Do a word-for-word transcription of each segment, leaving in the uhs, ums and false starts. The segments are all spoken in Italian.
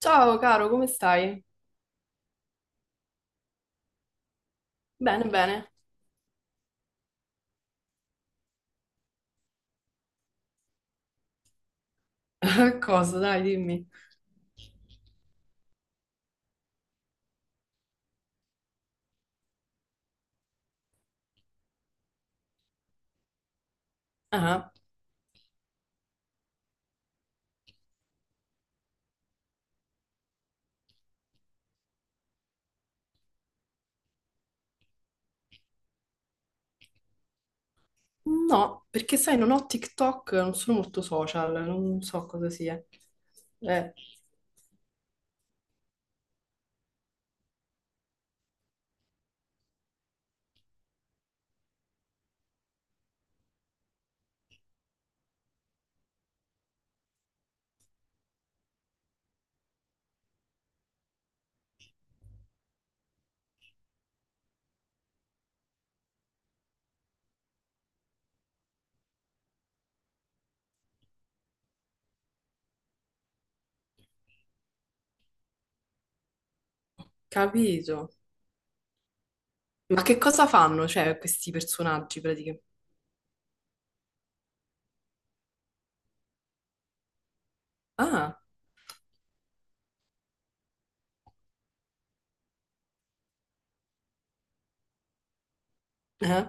Ciao caro, come stai? Bene, bene. Cosa? Dai, dimmi. Ah, no, perché sai, non ho TikTok, non sono molto social, non so cosa sia. Eh, Capito. Ma che cosa fanno, cioè, questi personaggi praticamente? Ah, eh?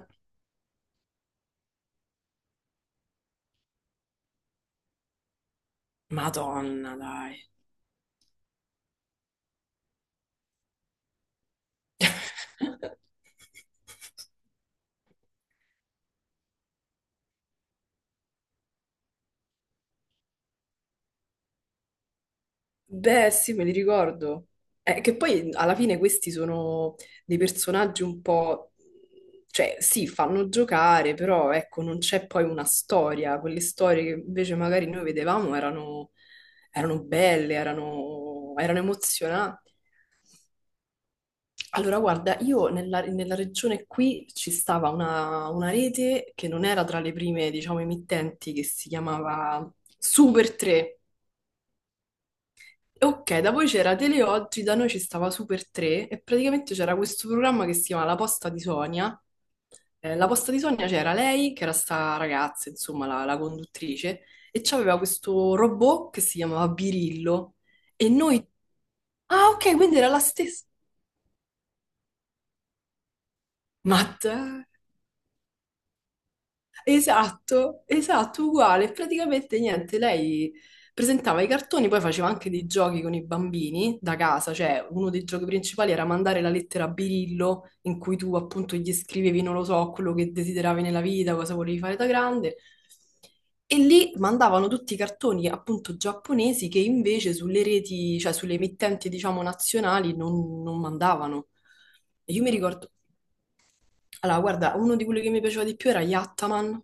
Madonna, dai. Beh, sì, me li ricordo. Eh, che poi mhmm, alla fine questi sono dei personaggi un po'... Cioè, sì, fanno giocare, però ecco, non c'è poi una storia. Quelle storie che invece magari noi vedevamo erano, erano belle, erano, erano emozionanti. Allora, guarda, io nella, nella regione qui ci stava una, una rete che non era tra le prime, diciamo, emittenti, che si chiamava Super tre. Ok, da voi c'era Teleoggi, da noi ci stava Super tre e praticamente c'era questo programma che si chiama La posta di Sonia. Eh, la posta di Sonia c'era lei, che era sta ragazza, insomma, la, la conduttrice, e c'aveva questo robot che si chiamava Birillo. E noi... Ah, ok, quindi era la stessa. Ma dai! Esatto, esatto, uguale. Praticamente niente, lei presentava i cartoni, poi faceva anche dei giochi con i bambini da casa, cioè uno dei giochi principali era mandare la lettera a Birillo, in cui tu appunto gli scrivevi, non lo so, quello che desideravi nella vita, cosa volevi fare da grande. E lì mandavano tutti i cartoni appunto giapponesi che invece sulle reti, cioè sulle emittenti diciamo nazionali non, non mandavano. E io mi ricordo, allora guarda, uno di quelli che mi piaceva di più era Yattaman.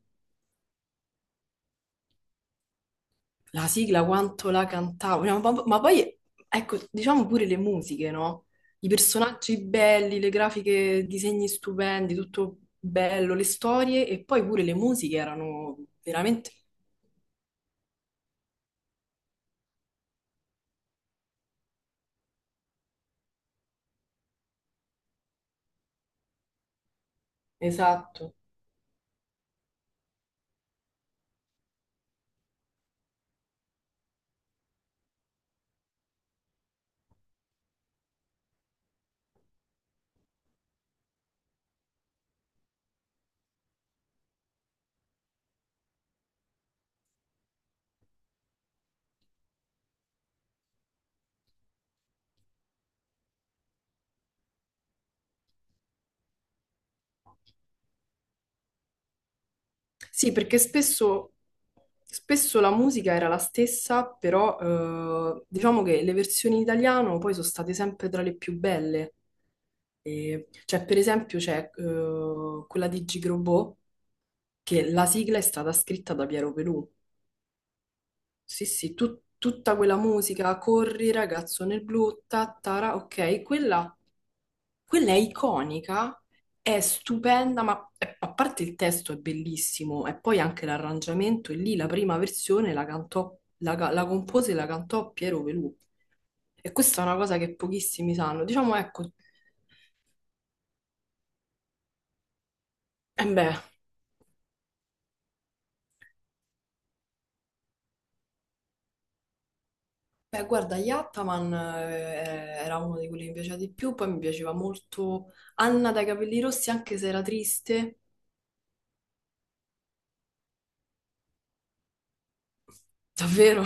La sigla quanto la cantavo. Cioè, ma, ma- ma poi ecco, diciamo pure le musiche, no? I personaggi belli, le grafiche, disegni stupendi, tutto bello, le storie e poi pure le musiche erano veramente... Esatto. Sì, perché spesso, spesso la musica era la stessa, però eh, diciamo che le versioni in italiano poi sono state sempre tra le più belle. E- cioè, per esempio, c'è eh, quella di Gigrobot, che la sigla è stata scritta da Piero Pelù. Sì, sì, tut- tutta quella musica, corri ragazzo nel blu, tattara, ok, quella, quella è iconica, è stupenda, ma eh, a parte il testo è bellissimo, e poi anche l'arrangiamento, e lì la prima versione la cantò, la, ca- la compose e la cantò Piero Pelù. E questa è una cosa che pochissimi sanno. Diciamo, ecco, e beh. Beh, guarda, Yattaman eh, era uno di quelli che mi piaceva di più, poi mi piaceva molto Anna dai capelli rossi, anche se era triste. Davvero,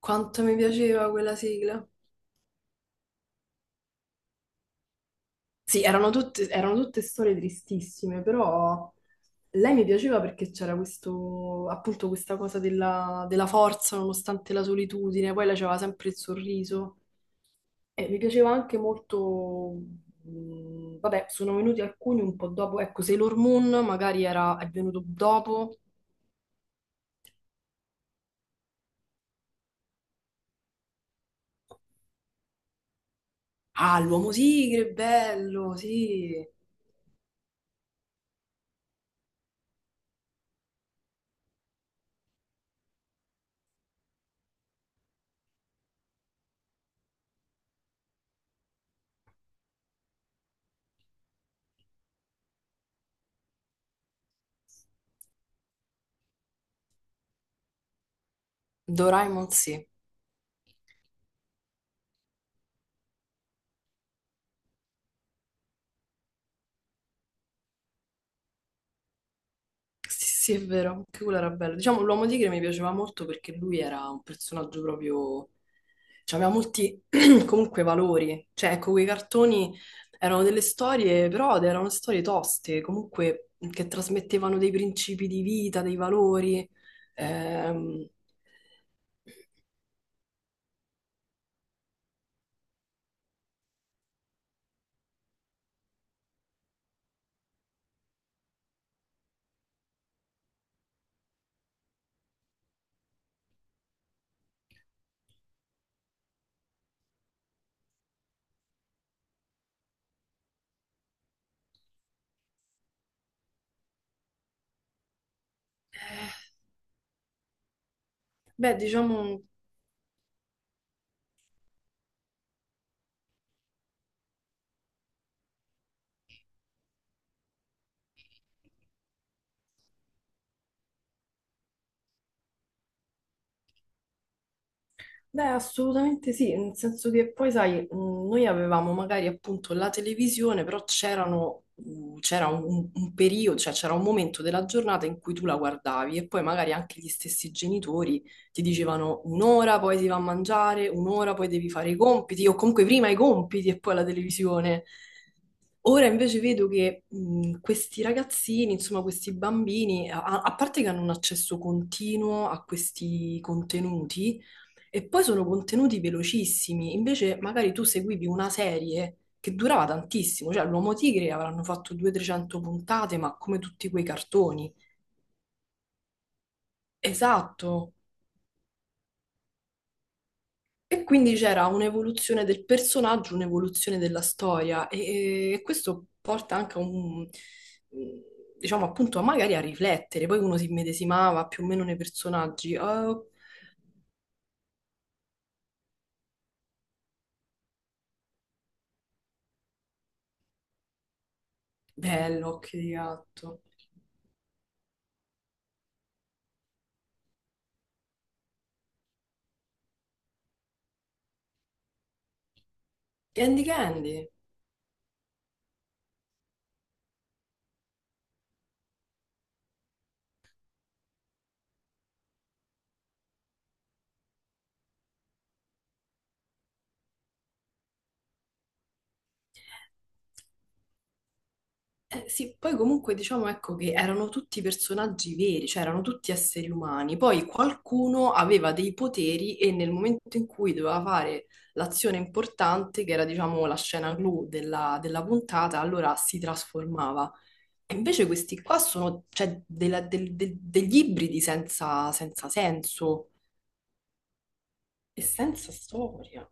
quanto mi piaceva quella sigla. Sì, erano tutte, erano tutte storie tristissime, però lei mi piaceva perché c'era questo, appunto, questa cosa della, della forza nonostante la solitudine, poi lei aveva sempre il sorriso. E mi piaceva anche molto, mh, vabbè, sono venuti alcuni un po' dopo, ecco, Sailor Moon magari era, è venuto dopo. Ah, l'uomo tigre, bello, sì. Doraemon, sì. Sì, sì, è vero, anche quello era bello. Diciamo, l'Uomo Tigre mi piaceva molto perché lui era un personaggio proprio... Cioè, aveva molti, comunque, valori. Cioè, ecco, quei cartoni erano delle storie, però erano storie toste, comunque, che trasmettevano dei principi di vita, dei valori. Ehm, Beh, diciamo... Beh, assolutamente sì, nel senso che poi, sai, mh, noi avevamo magari appunto la televisione, però c'erano, uh, c'era un, un periodo, cioè c'era un momento della giornata in cui tu la guardavi e poi magari anche gli stessi genitori ti dicevano un'ora poi si va a mangiare, un'ora poi devi fare i compiti, o comunque prima i compiti e poi la televisione. Ora invece vedo che mh, questi ragazzini, insomma questi bambini, a a parte che hanno un accesso continuo a questi contenuti, e poi sono contenuti velocissimi, invece magari tu seguivi una serie che durava tantissimo, cioè l'Uomo Tigre avranno fatto duecento trecento puntate, ma come tutti quei cartoni. Esatto. E quindi c'era un'evoluzione del personaggio, un'evoluzione della storia e, e questo porta anche a un, diciamo appunto, a magari a riflettere, poi uno si immedesimava più o meno nei personaggi. Oh, bello, occhi di gatto. Candy Candy. Eh, sì, poi comunque diciamo ecco che erano tutti personaggi veri, cioè erano tutti esseri umani. Poi qualcuno aveva dei poteri e nel momento in cui doveva fare l'azione importante, che era diciamo la scena clou della, della puntata, allora si trasformava. E invece questi qua sono cioè, della- del- del- degli ibridi senza, senza senso e senza storia.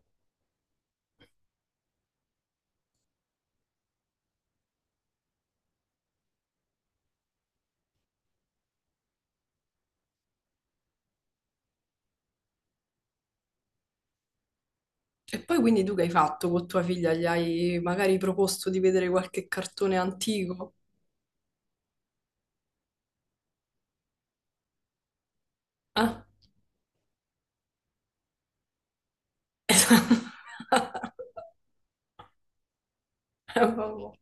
E poi quindi tu che hai fatto con tua figlia? Gli hai magari proposto di vedere qualche cartone antico? Eh? Vabbè.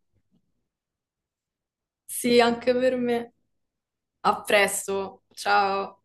Sì, anche per me. A presto. Ciao.